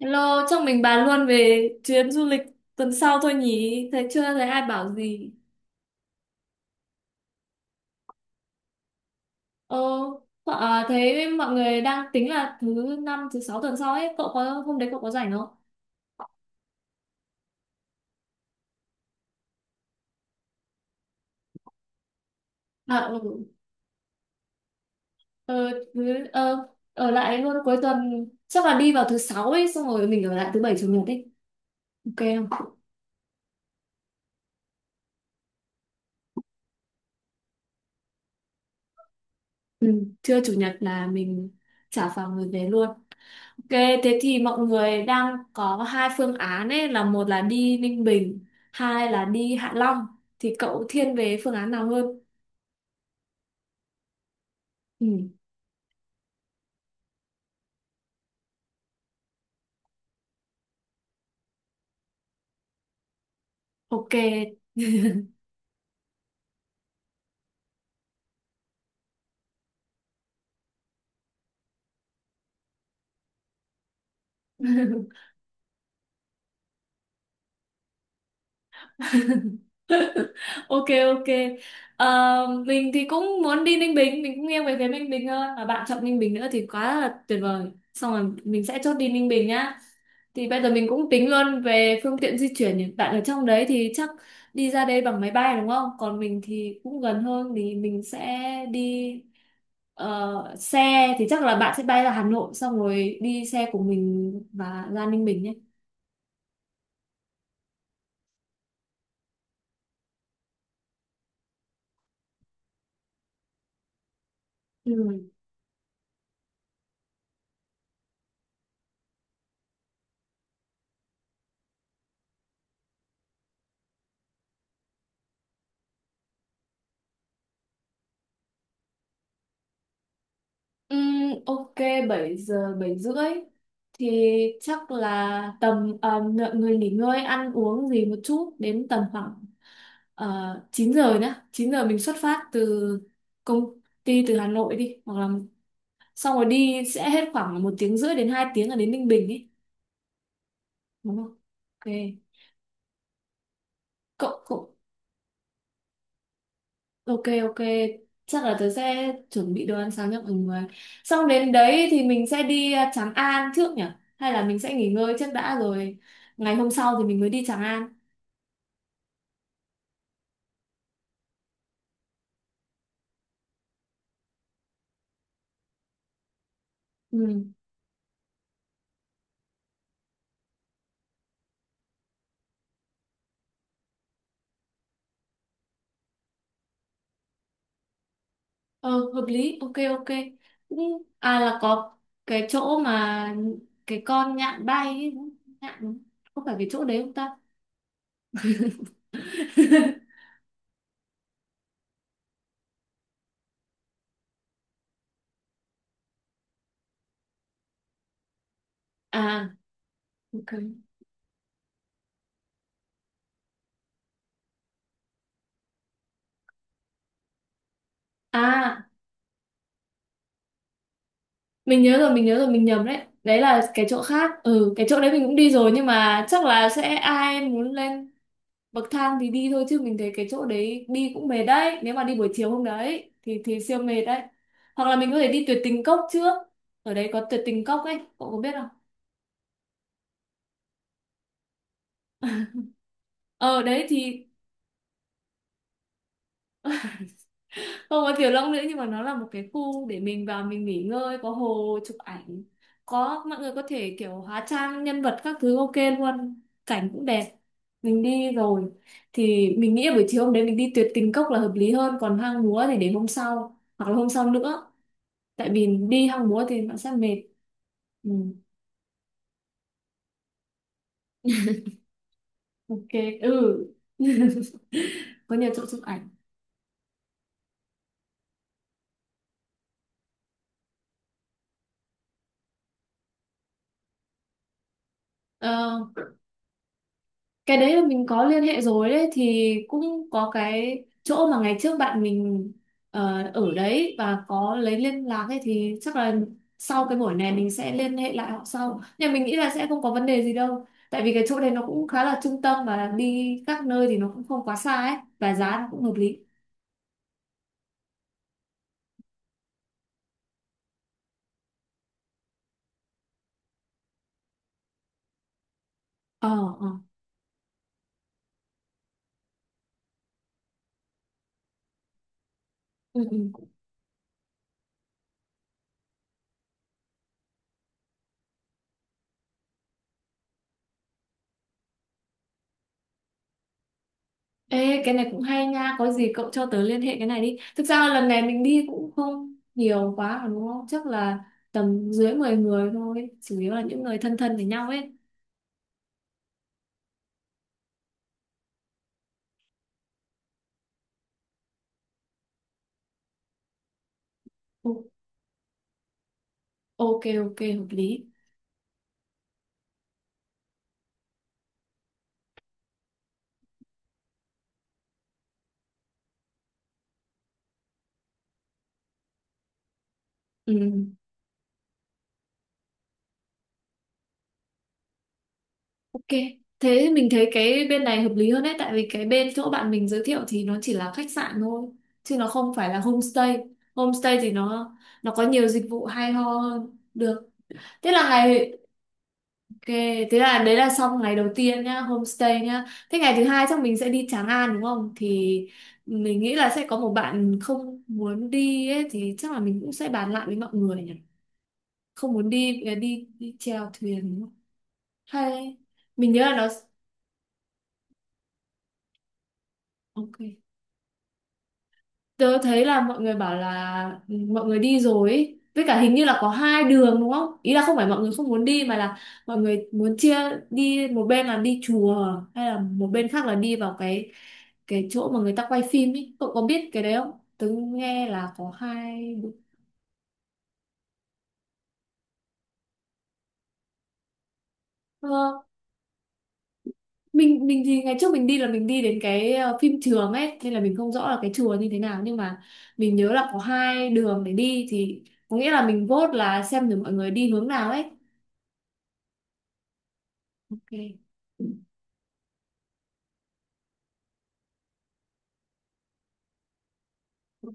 Hello, chắc mình bàn luôn về chuyến du lịch tuần sau thôi nhỉ? Thấy chưa thấy ai bảo gì. Ờ, thấy mọi người đang tính là thứ năm, thứ sáu tuần sau ấy. Cậu có hôm đấy cậu có rảnh không? À, ừ. Ờ, thứ, ờ, ở lại luôn cuối tuần. Chắc là đi vào thứ sáu ấy, xong rồi mình ở lại thứ bảy chủ nhật ấy. Ok không? Ừ, trưa chủ nhật là mình trả phòng rồi về luôn. Ok, thế thì mọi người đang có hai phương án ấy, là một là đi Ninh Bình, hai là đi Hạ Long. Thì cậu thiên về phương án nào hơn? Ừ, ok. Ok, ok. Ờ, mình thì cũng muốn đi Ninh Bình, mình cũng nghiêng về phía Ninh Bình hơn. Và bạn chọn Ninh Bình nữa thì quá là tuyệt vời. Xong rồi mình sẽ chốt đi Ninh Bình nhá. Thì bây giờ mình cũng tính luôn về phương tiện di chuyển nhỉ. Bạn ở trong đấy thì chắc đi ra đây bằng máy bay đúng không? Còn mình thì cũng gần hơn thì mình sẽ đi xe thì chắc là bạn sẽ bay ra Hà Nội xong rồi đi xe của mình và ra Ninh Bình nhé. Ừ. Ừm, ok, 7 giờ 7:30 thì chắc là tầm mọi người nghỉ ngơi ăn uống gì một chút đến tầm khoảng 9 giờ nhá, 9 giờ mình xuất phát từ công ty từ Hà Nội đi, hoặc là xong rồi đi sẽ hết khoảng 1 tiếng rưỡi đến 2 tiếng là đến Ninh Bình ấy đúng không? Ok. Cậu cậu ok, ok, chắc là tớ sẽ chuẩn bị đồ ăn sáng cho mọi người, xong đến đấy thì mình sẽ đi Tràng An trước nhỉ, hay là mình sẽ nghỉ ngơi trước đã rồi ngày hôm sau thì mình mới đi Tràng An. Ừ, ờ, hợp lý. Ok, ok, cũng là có cái chỗ mà cái con nhạn bay ấy, đúng không? Nhạn đúng không? Có phải cái chỗ đấy không ta? À, ok. À mình nhớ rồi, mình nhớ rồi, mình nhầm đấy, đấy là cái chỗ khác. Ừ, cái chỗ đấy mình cũng đi rồi nhưng mà chắc là sẽ ai muốn lên bậc thang thì đi thôi, chứ mình thấy cái chỗ đấy đi cũng mệt đấy, nếu mà đi buổi chiều hôm đấy thì siêu mệt đấy. Hoặc là mình có thể đi tuyệt tình cốc trước, ở đấy có tuyệt tình cốc ấy, cậu có biết không? Ờ đấy thì không có tiểu long nữa nhưng mà nó là một cái khu để mình vào mình nghỉ ngơi, có hồ chụp ảnh, có mọi người có thể kiểu hóa trang nhân vật các thứ, ok luôn, cảnh cũng đẹp, mình đi rồi. Thì mình nghĩ là buổi chiều hôm đấy mình đi tuyệt tình cốc là hợp lý hơn, còn hang múa thì để hôm sau hoặc là hôm sau nữa, tại vì đi hang múa thì nó sẽ mệt. Ừ, ok. Ừ. Có nhiều chỗ chụp ảnh. Ờ, cái đấy là mình có liên hệ rồi, đấy thì cũng có cái chỗ mà ngày trước bạn mình ở đấy và có lấy liên lạc ấy, thì chắc là sau cái buổi này mình sẽ liên hệ lại họ sau, nhưng mình nghĩ là sẽ không có vấn đề gì đâu, tại vì cái chỗ này nó cũng khá là trung tâm và đi các nơi thì nó cũng không quá xa ấy, và giá nó cũng hợp lý. ờ ờ ừ, ừ. Ê, cái này cũng hay nha, có gì cậu cho tớ liên hệ cái này đi. Thực ra lần này mình đi cũng không nhiều quá mà đúng không? Chắc là tầm dưới 10 người thôi, chủ yếu là những người thân thân với nhau ấy. O- Ok, ok, hợp lý. Ừ, ok. Thế mình thấy cái bên này hợp lý hơn đấy, tại vì cái bên chỗ bạn mình giới thiệu thì nó chỉ là khách sạn thôi, chứ nó không phải là homestay. Homestay thì nó có nhiều dịch vụ hay ho hơn. Được. Thế là ngày Ok, thế là đấy là xong ngày đầu tiên nhá, homestay nhá. Thế ngày thứ hai chắc mình sẽ đi Tràng An đúng không? Thì mình nghĩ là sẽ có một bạn không muốn đi ấy, thì chắc là mình cũng sẽ bàn lại với mọi người nhỉ. Không muốn đi đi chèo thuyền đúng không? Hay mình nhớ là nó ok. Tớ thấy là mọi người bảo là ừ, mọi người đi rồi ý. Với cả hình như là có hai đường đúng không? Ý là không phải mọi người không muốn đi mà là mọi người muốn chia, đi một bên là đi chùa, hay là một bên khác là đi vào cái chỗ mà người ta quay phim ấy. Cậu có biết cái đấy không? Tớ nghe là có hai đường. Ờ, mình thì ngày trước mình đi là mình đi đến cái phim trường ấy, nên là mình không rõ là cái chùa như thế nào, nhưng mà mình nhớ là có hai đường để đi, thì có nghĩa là mình vote là xem được mọi người đi hướng nào ấy. Ok. Ok.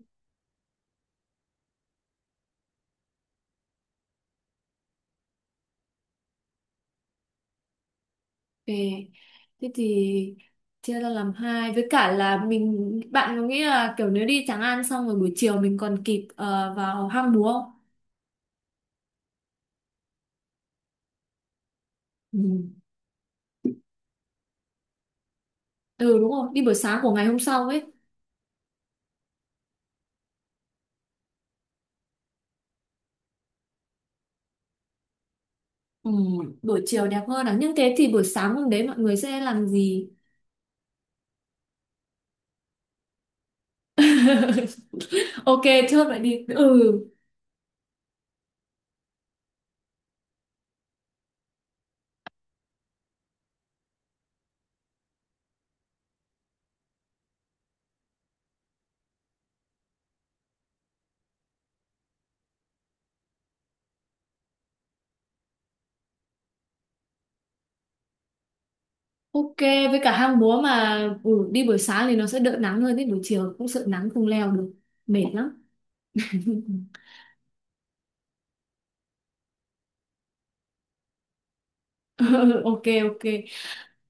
Thế thì chia ra làm hai, với cả là mình, bạn có nghĩ là kiểu nếu đi Tràng An xong rồi buổi chiều mình còn kịp vào hang múa không? Ừ. Ừ đúng rồi, đi buổi sáng của ngày hôm sau ấy. Ừ, buổi chiều đẹp hơn à. Nhưng thế thì buổi sáng hôm đấy mọi người sẽ làm gì? Ok, chốt vậy đi. Ừ. Ok, với cả hang múa mà ừ, đi buổi sáng thì nó sẽ đỡ nắng hơn, đến buổi chiều cũng sợ nắng không leo được. Mệt lắm. Ok, ok.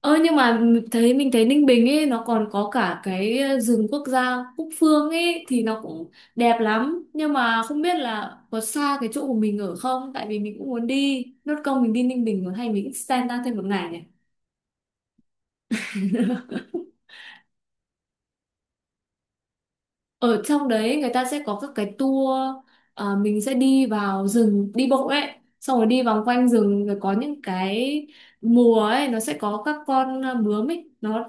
Ơ nhưng mà mình thấy Ninh Bình ấy nó còn có cả cái rừng quốc gia Cúc Phương ấy, thì nó cũng đẹp lắm, nhưng mà không biết là có xa cái chỗ của mình ở không, tại vì mình cũng muốn đi nốt công mình đi Ninh Bình rồi, hay mình extend ra thêm một ngày nhỉ. Ở trong đấy người ta sẽ có các cái tour, mình sẽ đi vào rừng đi bộ ấy, xong rồi đi vòng quanh rừng, rồi có những cái mùa ấy nó sẽ có các con bướm ấy, nó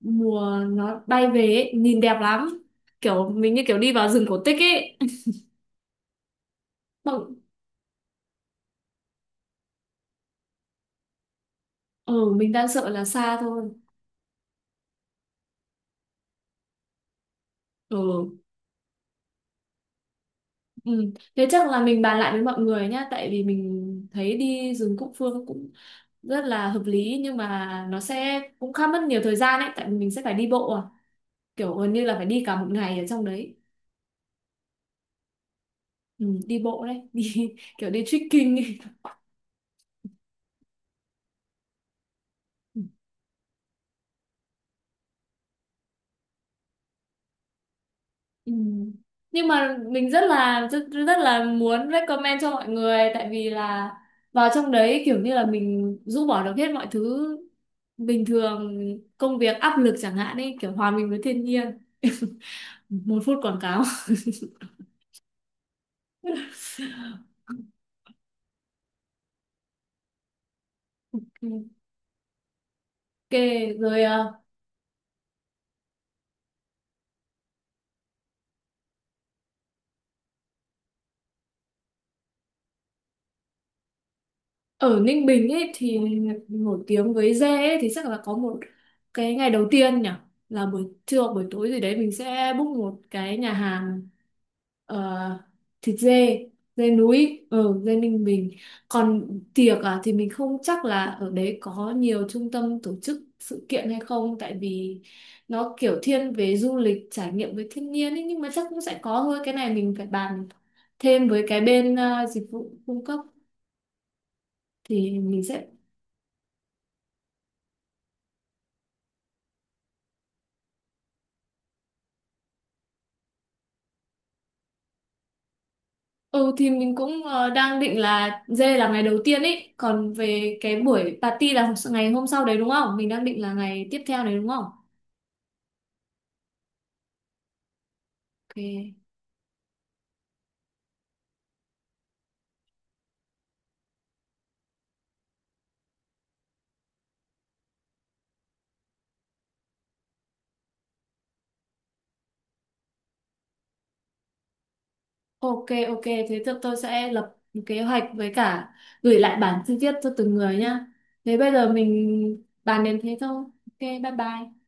mùa nó bay về ấy, nhìn đẹp lắm, kiểu mình như kiểu đi vào rừng cổ tích ấy. Mọi... Ừ mình đang sợ là xa thôi. Ừ. Ừ thế chắc là mình bàn lại với mọi người nhá, tại vì mình thấy đi rừng Cúc Phương cũng rất là hợp lý nhưng mà nó sẽ cũng khá mất nhiều thời gian ấy, tại vì mình sẽ phải đi bộ kiểu gần như là phải đi cả một ngày ở trong đấy. Ừ, đi bộ đấy. Đi kiểu đi trekking ấy. Ừ. Ừ. Nhưng mà mình rất là rất, rất là muốn recommend cho mọi người, tại vì là vào trong đấy kiểu như là mình rũ bỏ được hết mọi thứ bình thường, công việc áp lực chẳng hạn ấy, kiểu hòa mình với thiên nhiên, một phút quảng cáo. Ok rồi, ở Ninh Bình ấy thì nổi tiếng với dê ấy, thì chắc là có một cái ngày đầu tiên nhỉ, là buổi trưa hoặc buổi tối gì đấy mình sẽ book một cái nhà hàng ờ, thịt dê, dê núi ở dê Ninh Bình. Còn tiệc à thì mình không chắc là ở đấy có nhiều trung tâm tổ chức sự kiện hay không, tại vì nó kiểu thiên về du lịch trải nghiệm với thiên nhiên ấy, nhưng mà chắc cũng sẽ có thôi, cái này mình phải bàn thêm với cái bên dịch vụ cung cấp thì mình sẽ. Ừ thì mình cũng đang định là dê là ngày đầu tiên ấy. Còn về cái buổi party là ngày hôm sau đấy đúng không? Mình đang định là ngày tiếp theo đấy đúng không? Ok, ok, ok, thế tôi sẽ lập một kế hoạch với cả gửi lại bản chi tiết cho từng người nhá. Thế bây giờ mình bàn đến thế thôi. Ok bye bye.